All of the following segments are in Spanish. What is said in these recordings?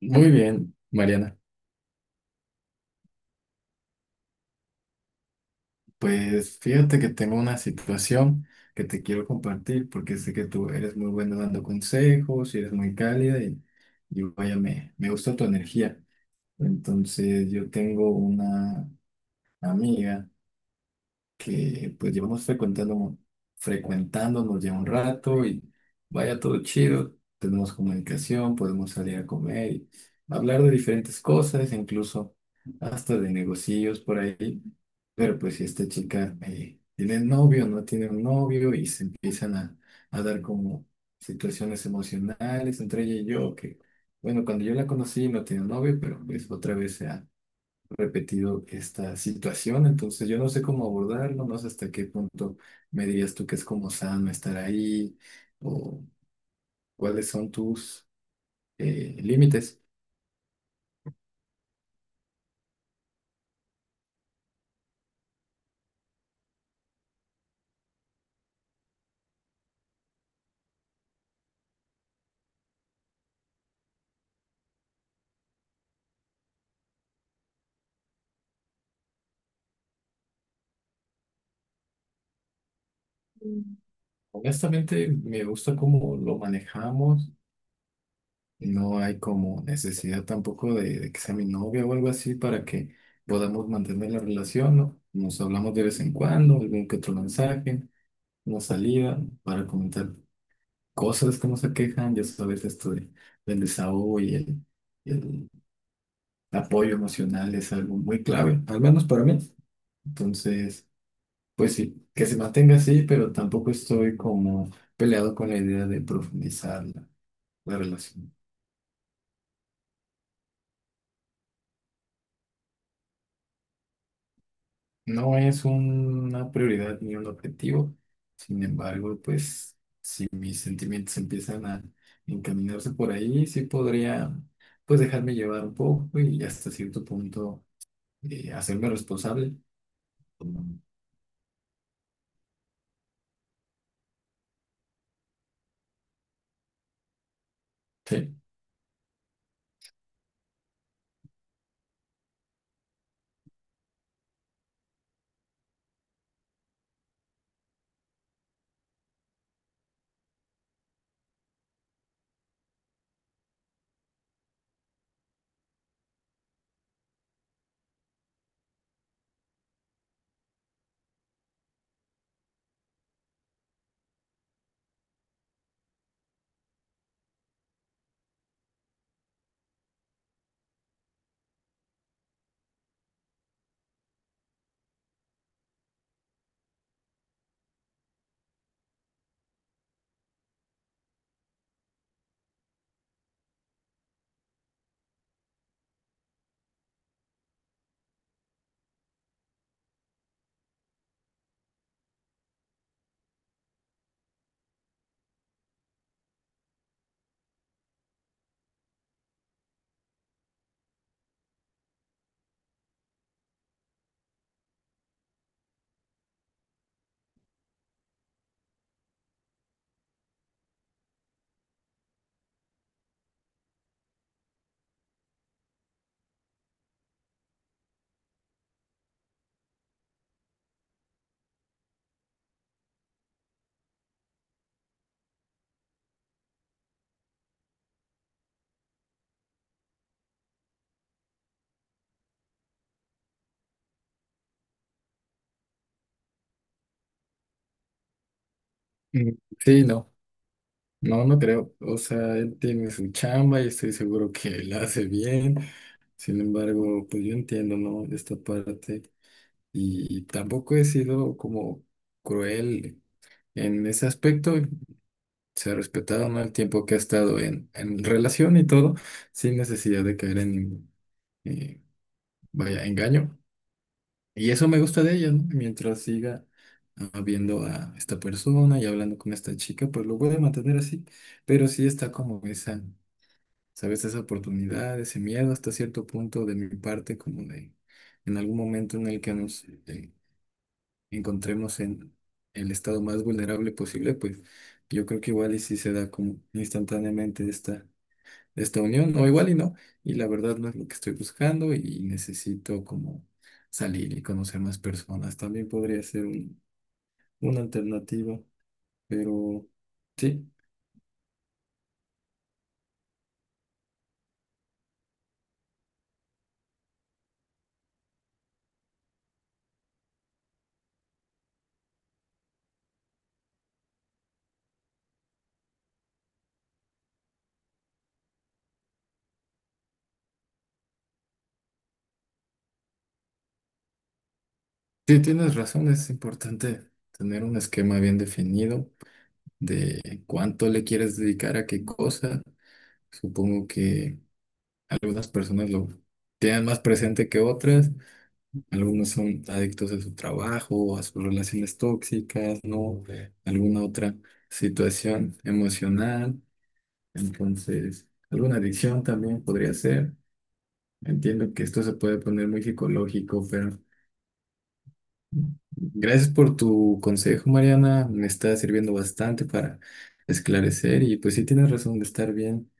Muy bien, Mariana. Pues fíjate que tengo una situación que te quiero compartir porque sé que tú eres muy buena dando consejos y eres muy cálida y vaya, me gusta tu energía. Entonces yo tengo una amiga que pues llevamos frecuentándonos ya un rato y vaya todo chido, tenemos comunicación, podemos salir a comer y hablar de diferentes cosas, incluso hasta de negocios por ahí. Pero pues si esta chica tiene novio, no tiene un novio y se empiezan a dar como situaciones emocionales entre ella y yo, que bueno, cuando yo la conocí no tenía novio, pero pues otra vez se ha repetido esta situación, entonces yo no sé cómo abordarlo, no sé hasta qué punto me dirías tú que es como sano estar ahí o cuáles son tus límites. Honestamente, me gusta cómo lo manejamos, no hay como necesidad tampoco de que sea mi novia o algo así para que podamos mantener la relación, ¿no? Nos hablamos de vez en cuando, algún que otro mensaje, una salida para comentar cosas, cómo se quejan, ya sabes, esto de- del desahogo y el apoyo emocional es algo muy clave, al menos para mí. Entonces, pues sí, que se mantenga así, pero tampoco estoy como peleado con la idea de profundizar la relación. No es una prioridad ni un objetivo, sin embargo, pues si mis sentimientos empiezan a encaminarse por ahí, sí podría pues dejarme llevar un poco y hasta cierto punto hacerme responsable. Sí. Mm. Sí, no, no, no creo. O sea, él tiene su chamba y estoy seguro que la hace bien. Sin embargo, pues yo entiendo, ¿no? Esta parte. Y tampoco he sido como cruel en ese aspecto. Se ha respetado, ¿no? El tiempo que ha estado en relación y todo, sin necesidad de caer en, eh, vaya, engaño. Y eso me gusta de ella, ¿no? Mientras siga viendo a esta persona y hablando con esta chica, pues lo voy a mantener así. Pero sí está como esa, ¿sabes? Esa oportunidad, ese miedo hasta cierto punto de mi parte, como de en algún momento en el que nos encontremos en el estado más vulnerable posible, pues yo creo que igual y si se da como instantáneamente esta de esta unión, o igual y no, y la verdad no es lo que estoy buscando y necesito como salir y conocer más personas. También podría ser un- una alternativa, pero sí, sí tienes razón, es importante tener un esquema bien definido de cuánto le quieres dedicar a qué cosa. Supongo que algunas personas lo tienen más presente que otras. Algunos son adictos a su trabajo, a sus relaciones tóxicas, ¿no? Alguna otra situación emocional. Entonces, alguna adicción también podría ser. Entiendo que esto se puede poner muy psicológico, pero gracias por tu consejo, Mariana. Me está sirviendo bastante para esclarecer y pues sí tienes razón de estar bien,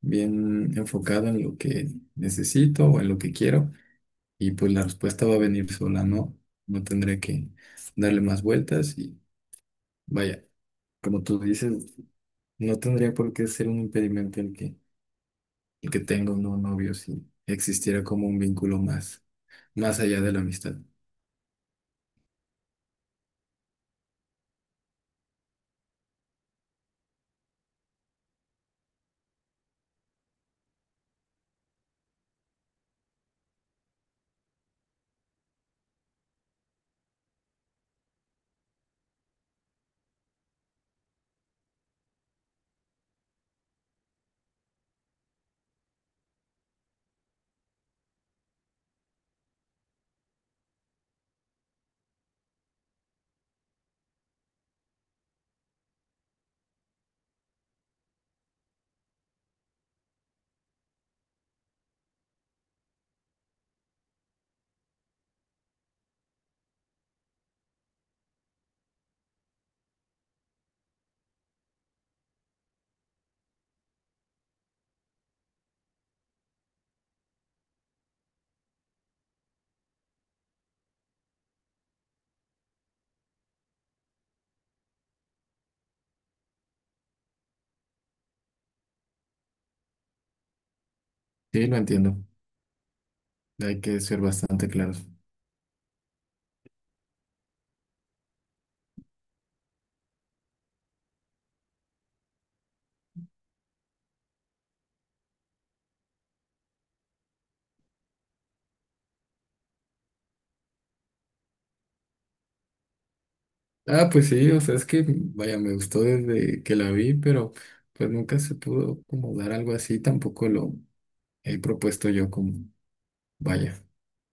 bien enfocado en lo que necesito o en lo que quiero. Y pues la respuesta va a venir sola, ¿no? No tendré que darle más vueltas y vaya, como tú dices, no tendría por qué ser un impedimento el que tenga un nuevo novio si existiera como un vínculo más, más allá de la amistad. Sí, lo entiendo. Hay que ser bastante claros. Ah, pues sí, o sea, es que, vaya, me gustó desde que la vi, pero pues nunca se pudo como dar algo así, tampoco lo he propuesto yo como, vaya,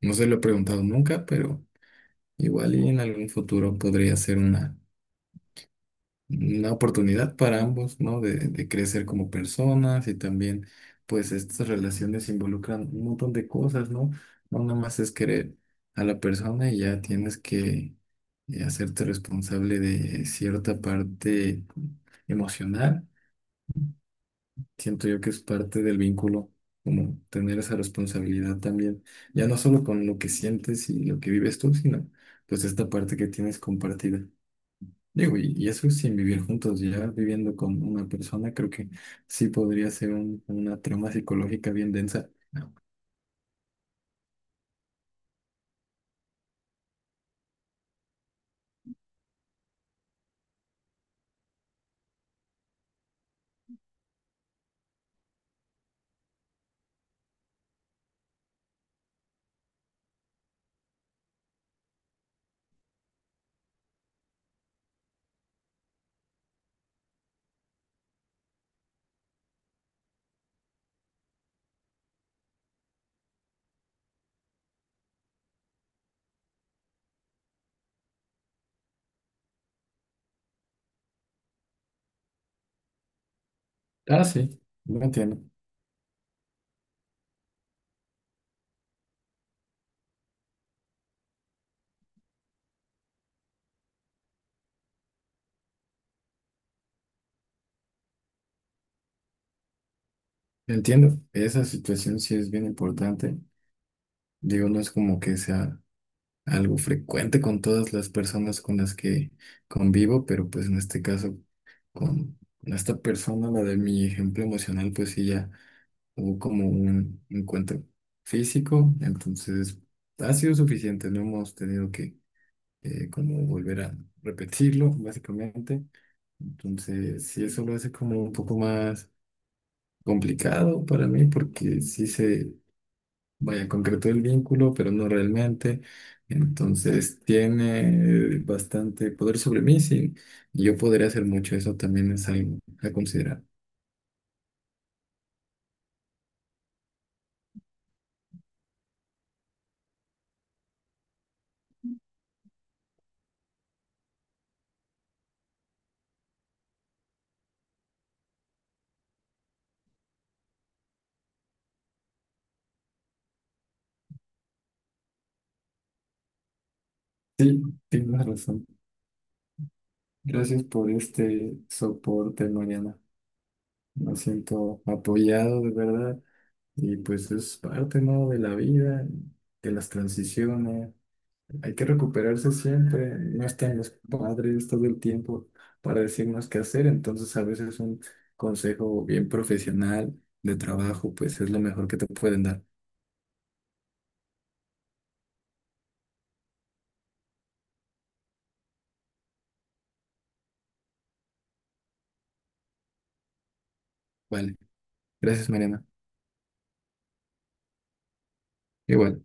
no se lo he preguntado nunca, pero... Igual y en algún futuro podría ser una oportunidad para ambos, ¿no? De crecer como personas y también, pues, estas relaciones involucran un montón de cosas, ¿no? No nada más es querer a la persona y ya tienes que hacerte responsable de cierta parte emocional. Siento yo que es parte del vínculo, como tener esa responsabilidad también, ya no solo con lo que sientes y lo que vives tú, sino pues esta parte que tienes compartida. Digo, y eso sin vivir juntos, ya viviendo con una persona, creo que sí podría ser un- una trama psicológica bien densa. Ah, sí, lo entiendo. Entiendo, esa situación sí es bien importante. Digo, no es como que sea algo frecuente con todas las personas con las que convivo, pero pues en este caso con esta persona, la de mi ejemplo emocional, pues sí ya hubo como un encuentro físico, entonces ha sido suficiente, no hemos tenido que como volver a repetirlo, básicamente. Entonces, sí, eso lo hace como un poco más complicado para mí, porque sí se, vaya, concretó el vínculo, pero no realmente. Entonces, tiene bastante poder sobre mí, sí, y yo podría hacer mucho, eso también es algo a considerar. Sí, tienes razón. Gracias por este soporte, Mariana. Me siento apoyado, de verdad. Y pues es parte, ¿no? De la vida, de las transiciones. Hay que recuperarse siempre. No están los padres todo el tiempo para decirnos qué hacer. Entonces, a veces un consejo bien profesional de trabajo, pues es lo mejor que te pueden dar. Vale. Gracias, Mariana. Igual.